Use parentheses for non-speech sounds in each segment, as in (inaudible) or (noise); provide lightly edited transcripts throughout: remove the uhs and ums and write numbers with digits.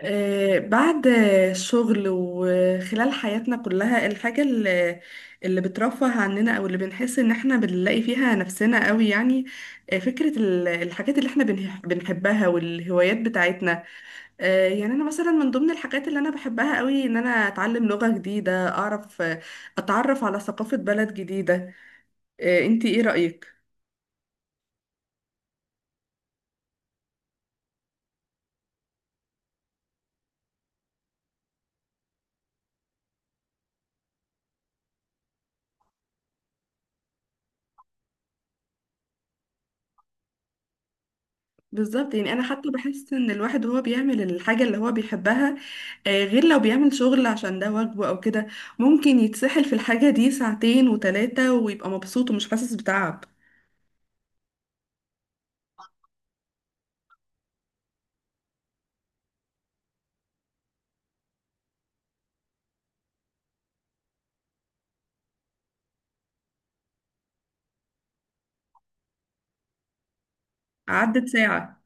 بعد الشغل وخلال حياتنا كلها الحاجة اللي بترفه عننا، أو اللي بنحس إن احنا بنلاقي فيها نفسنا قوي، يعني فكرة الحاجات اللي احنا بنحبها والهوايات بتاعتنا. يعني أنا مثلا من ضمن الحاجات اللي أنا بحبها قوي إن أنا أتعلم لغة جديدة، أعرف أتعرف على ثقافة بلد جديدة. أنتي إيه رأيك؟ بالظبط. يعني انا حتى بحس ان الواحد وهو بيعمل الحاجه اللي هو بيحبها، غير لو بيعمل شغل عشان ده واجبه او كده، ممكن يتسحل في الحاجه دي ساعتين وثلاثه ويبقى مبسوط ومش حاسس بتعب. عدت ساعه.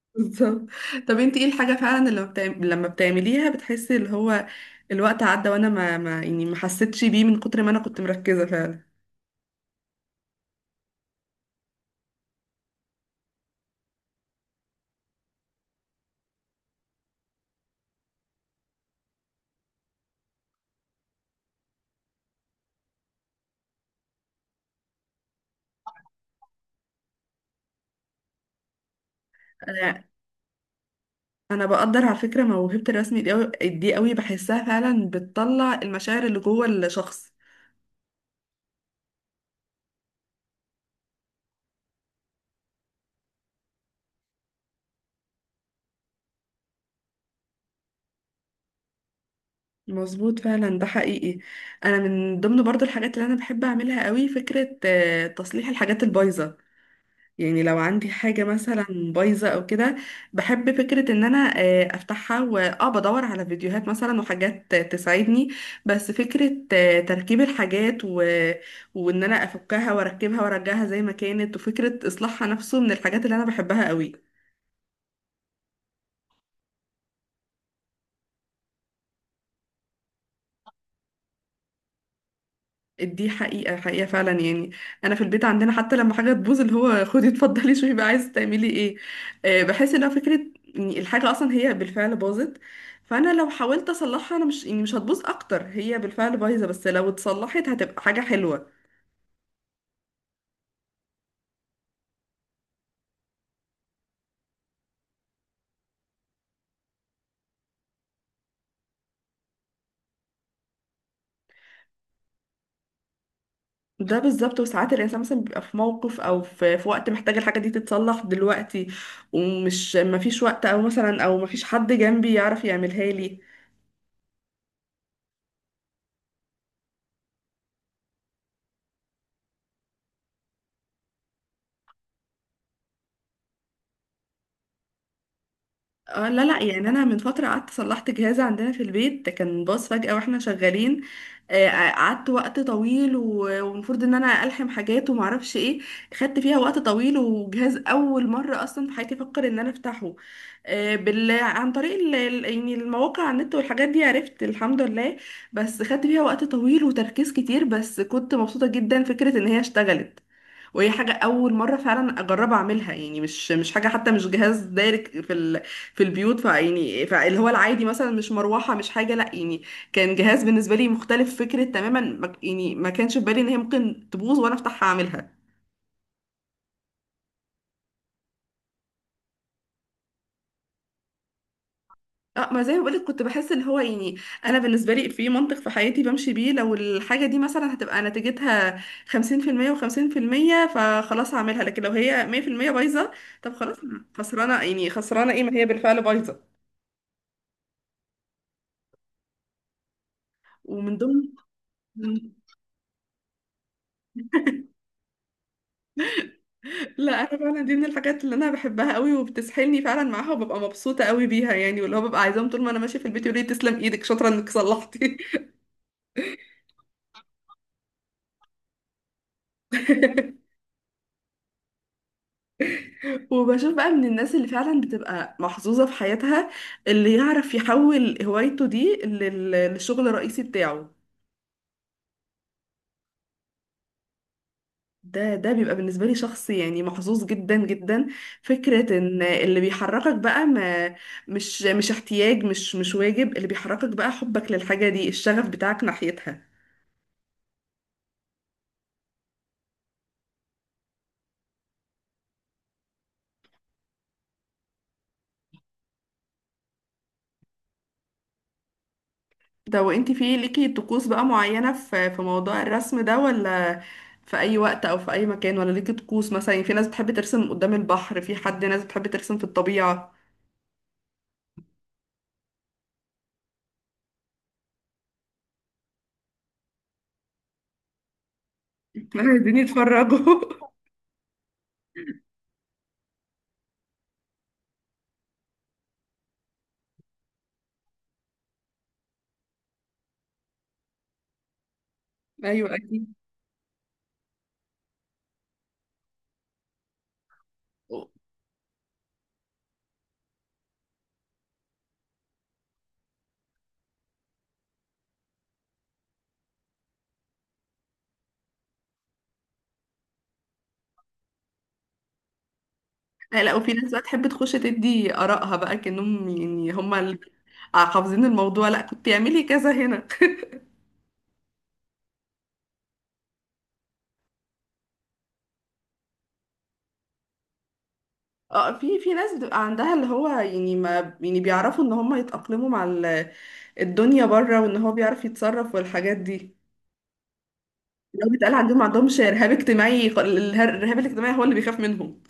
(laughs) بالظبط. طب انت ايه الحاجه فعلا اللي لما لما بتعمليها بتحسي اللي هو الوقت عدى، وانا ما يعني ما حسيتش بيه من كتر ما انا كنت مركزه فعلا؟ انا انا بقدر على فكره موهبه الرسم دي قوي، دي قوي بحسها فعلا بتطلع المشاعر اللي جوه الشخص. مظبوط، فعلا ده حقيقي. انا من ضمن برضو الحاجات اللي انا بحب اعملها قوي فكرة تصليح الحاجات البايظة. يعني لو عندي حاجة مثلا بايظة او كده، بحب فكرة ان انا افتحها، واه بدور على فيديوهات مثلا وحاجات تساعدني. بس فكرة تركيب الحاجات وان انا افكها واركبها وارجعها زي ما كانت، وفكرة اصلاحها نفسه من الحاجات اللي انا بحبها قوي. دي حقيقة حقيقة فعلا، يعني. أنا في البيت عندنا حتى لما حاجة تبوظ اللي هو خدي اتفضلي شوفي بقى عايزة تعملي ايه. بحس إنها فكرة، يعني الحاجة أصلا هي بالفعل باظت، فأنا لو حاولت أصلحها، أنا مش يعني مش هتبوظ أكتر، هي بالفعل بايظة، بس لو اتصلحت هتبقى حاجة حلوة. ده بالظبط. وساعات الإنسان مثلا بيبقى في موقف أو في وقت محتاج الحاجة دي تتصلح دلوقتي، ومش مفيش وقت، أو مثلا أو مفيش حد جنبي يعرف يعملها لي. اه لا لا، يعني انا من فتره قعدت صلحت جهاز عندنا في البيت ده كان باظ فجاه واحنا شغالين. قعدت وقت طويل والمفروض ان انا الحم حاجات وما اعرفش ايه. خدت فيها وقت طويل، وجهاز اول مره اصلا في حياتي افكر ان انا افتحه. عن طريق يعني المواقع على النت والحاجات دي عرفت الحمد لله. بس خدت فيها وقت طويل وتركيز كتير، بس كنت مبسوطه جدا فكره ان هي اشتغلت. وهي حاجة أول مرة فعلا أجرب أعملها، يعني مش حاجة حتى، مش جهاز دايركت في في البيوت. فيعني فاللي هو العادي مثلا مش مروحة مش حاجة، لأ يعني كان جهاز بالنسبة لي مختلف فكرة تماما. ما... يعني ما كانش في بالي إن هي ممكن تبوظ وأنا أفتحها أعملها. اه، ما زي ما بقولك كنت بحس اللي هو يعني انا بالنسبه لي في منطق في حياتي بمشي بيه، لو الحاجه دي مثلا هتبقى نتيجتها 50% و50% فخلاص هعملها، لكن لو هي 100% بايظه طب خلاص. خسرانه يعني؟ خسرانه ايه، ما هي بالفعل بايظه. ومن ضمن مم. لا، انا فعلا دي من الحاجات اللي انا بحبها قوي وبتسحلني فعلا معاها وببقى مبسوطه قوي بيها، يعني واللي هو ببقى عايزاهم طول ما انا ماشيه في البيت يقولوا لي تسلم ايدك شاطره انك صلحتي. (laughs) وبشوف بقى من الناس اللي فعلا بتبقى محظوظه في حياتها، اللي يعرف يحول هوايته دي للشغل الرئيسي بتاعه. ده بيبقى بالنسبه لي شخص يعني محظوظ جدا جدا. فكره ان اللي بيحركك بقى ما مش احتياج، مش واجب، اللي بيحركك بقى حبك للحاجه دي، الشغف بتاعك ناحيتها. ده، وانت في ليكي طقوس بقى معينة في موضوع الرسم ده، ولا في اي وقت او في اي مكان؟ ولا ليكي طقوس مثلا؟ يعني في ناس بتحب ترسم قدام البحر، في حد ناس بتحب ترسم في الطبيعة. (laughs) عايزين يتفرجوا. ايوه اكيد. لا لا، وفي ناس بقى تحب تخش تدي آرائها بقى كأنهم، يعني هما اللي حافظين الموضوع. لا كنت تعملي كذا هنا. (laughs) اه، في ناس بتبقى عندها اللي هو يعني، ما يعني بيعرفوا ان هم يتأقلموا مع الدنيا بره، وان هو بيعرف يتصرف والحاجات دي. لو بيتقال عندهم ما عندهمش رهاب اجتماعي. الرهاب الاجتماعي هو اللي بيخاف منهم.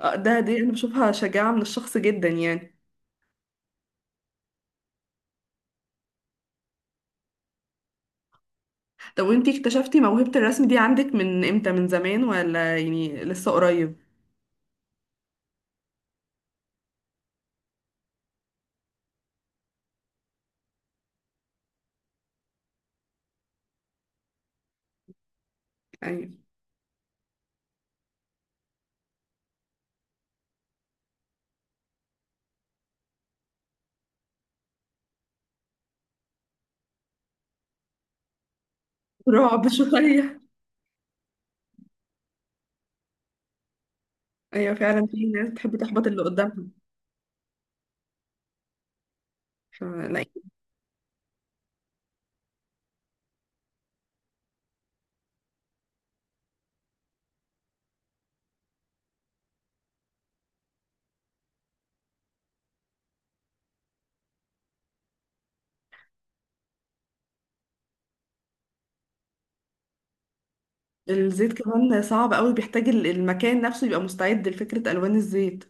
آه، ده دي انا بشوفها شجاعة من الشخص جدا، يعني. طب وانتي اكتشفتي موهبة الرسم دي عندك من امتى؟ من زمان ولا يعني لسه قريب؟ ايوه رعب (laughs) شوية. ايوه فعلا، في ناس بتحب تحبط اللي قدامها. فلا. الزيت كمان صعب قوي، بيحتاج المكان نفسه يبقى مستعد لفكرة الوان الزيت.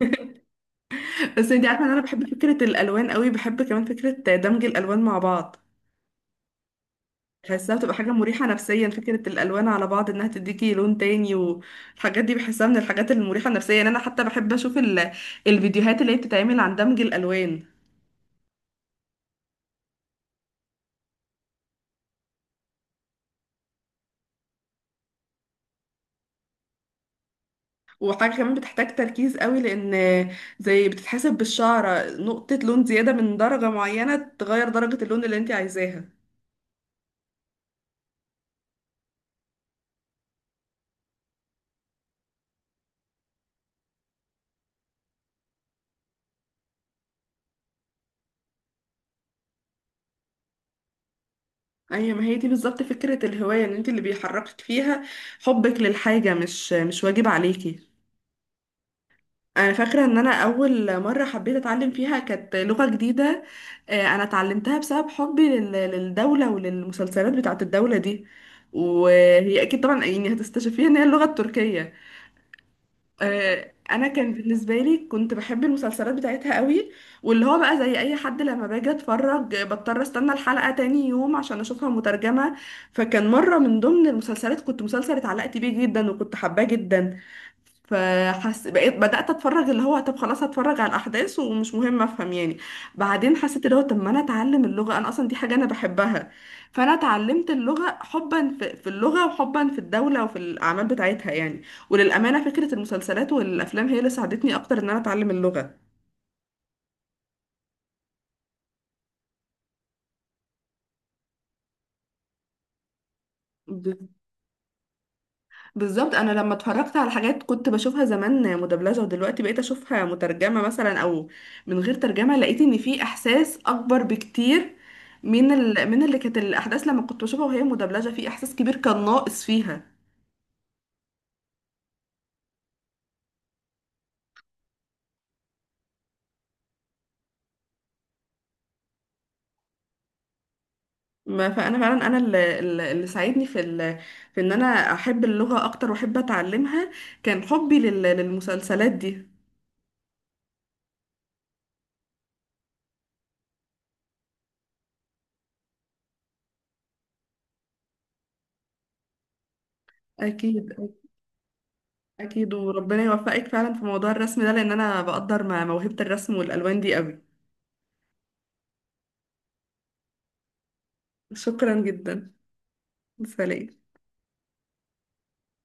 (laughs) بس انتي عارفة ان انا بحب فكرة الالوان قوي، بحب كمان فكرة دمج الالوان مع بعض. بحسها بتبقى حاجة مريحة نفسيا، فكرة الألوان على بعض إنها تديكي لون تاني، والحاجات دي بحسها من الحاجات المريحة نفسيا، يعني أنا حتى بحب أشوف الفيديوهات اللي هي بتتعمل عن دمج الألوان. وحاجة كمان بتحتاج تركيز قوي، لأن زي بتتحسب بالشعرة، نقطة لون زيادة من درجة معينة تغير درجة اللون اللي انت عايزاها. أيوة، ما هي دي بالظبط فكرة الهواية، إن انت اللي بيحركك فيها حبك للحاجة، مش واجب عليكي. انا فاكره ان انا اول مره حبيت اتعلم فيها كانت لغه جديده. انا اتعلمتها بسبب حبي للدوله وللمسلسلات بتاعه الدوله دي، وهي اكيد طبعا يعني هتستشفيها ان هي اللغه التركيه. انا كان بالنسبه لي كنت بحب المسلسلات بتاعتها قوي، واللي هو بقى زي اي حد لما باجي اتفرج بضطر استنى الحلقه تاني يوم عشان اشوفها مترجمه. فكان مره من ضمن المسلسلات، كنت مسلسل اتعلقت بيه جدا وكنت حباه جدا، فحس بقيت بدأت اتفرج اللي هو طب خلاص هتفرج على الاحداث ومش مهم افهم، يعني. بعدين حسيت اللي هو طب، ما انا اتعلم اللغة، انا اصلا دي حاجة انا بحبها. فانا اتعلمت اللغة حبا في اللغة، وحبا في الدولة، وفي الاعمال بتاعتها، يعني. وللأمانة فكرة المسلسلات والافلام هي اللي ساعدتني اكتر ان انا اتعلم اللغة. بالظبط. انا لما اتفرجت على حاجات كنت بشوفها زمان مدبلجه، ودلوقتي بقيت اشوفها مترجمه مثلا او من غير ترجمه، لقيت ان في احساس اكبر بكتير من من اللي كانت الاحداث لما كنت بشوفها وهي مدبلجه، في احساس كبير كان ناقص فيها. ما فانا فعلا انا اللي ساعدني في في ان انا احب اللغه اكتر واحب اتعلمها، كان حبي للمسلسلات دي. اكيد. اكيد، وربنا يوفقك فعلا في موضوع الرسم ده لان انا بقدر موهبه الرسم والالوان دي قوي. شكرا جدا. سلام.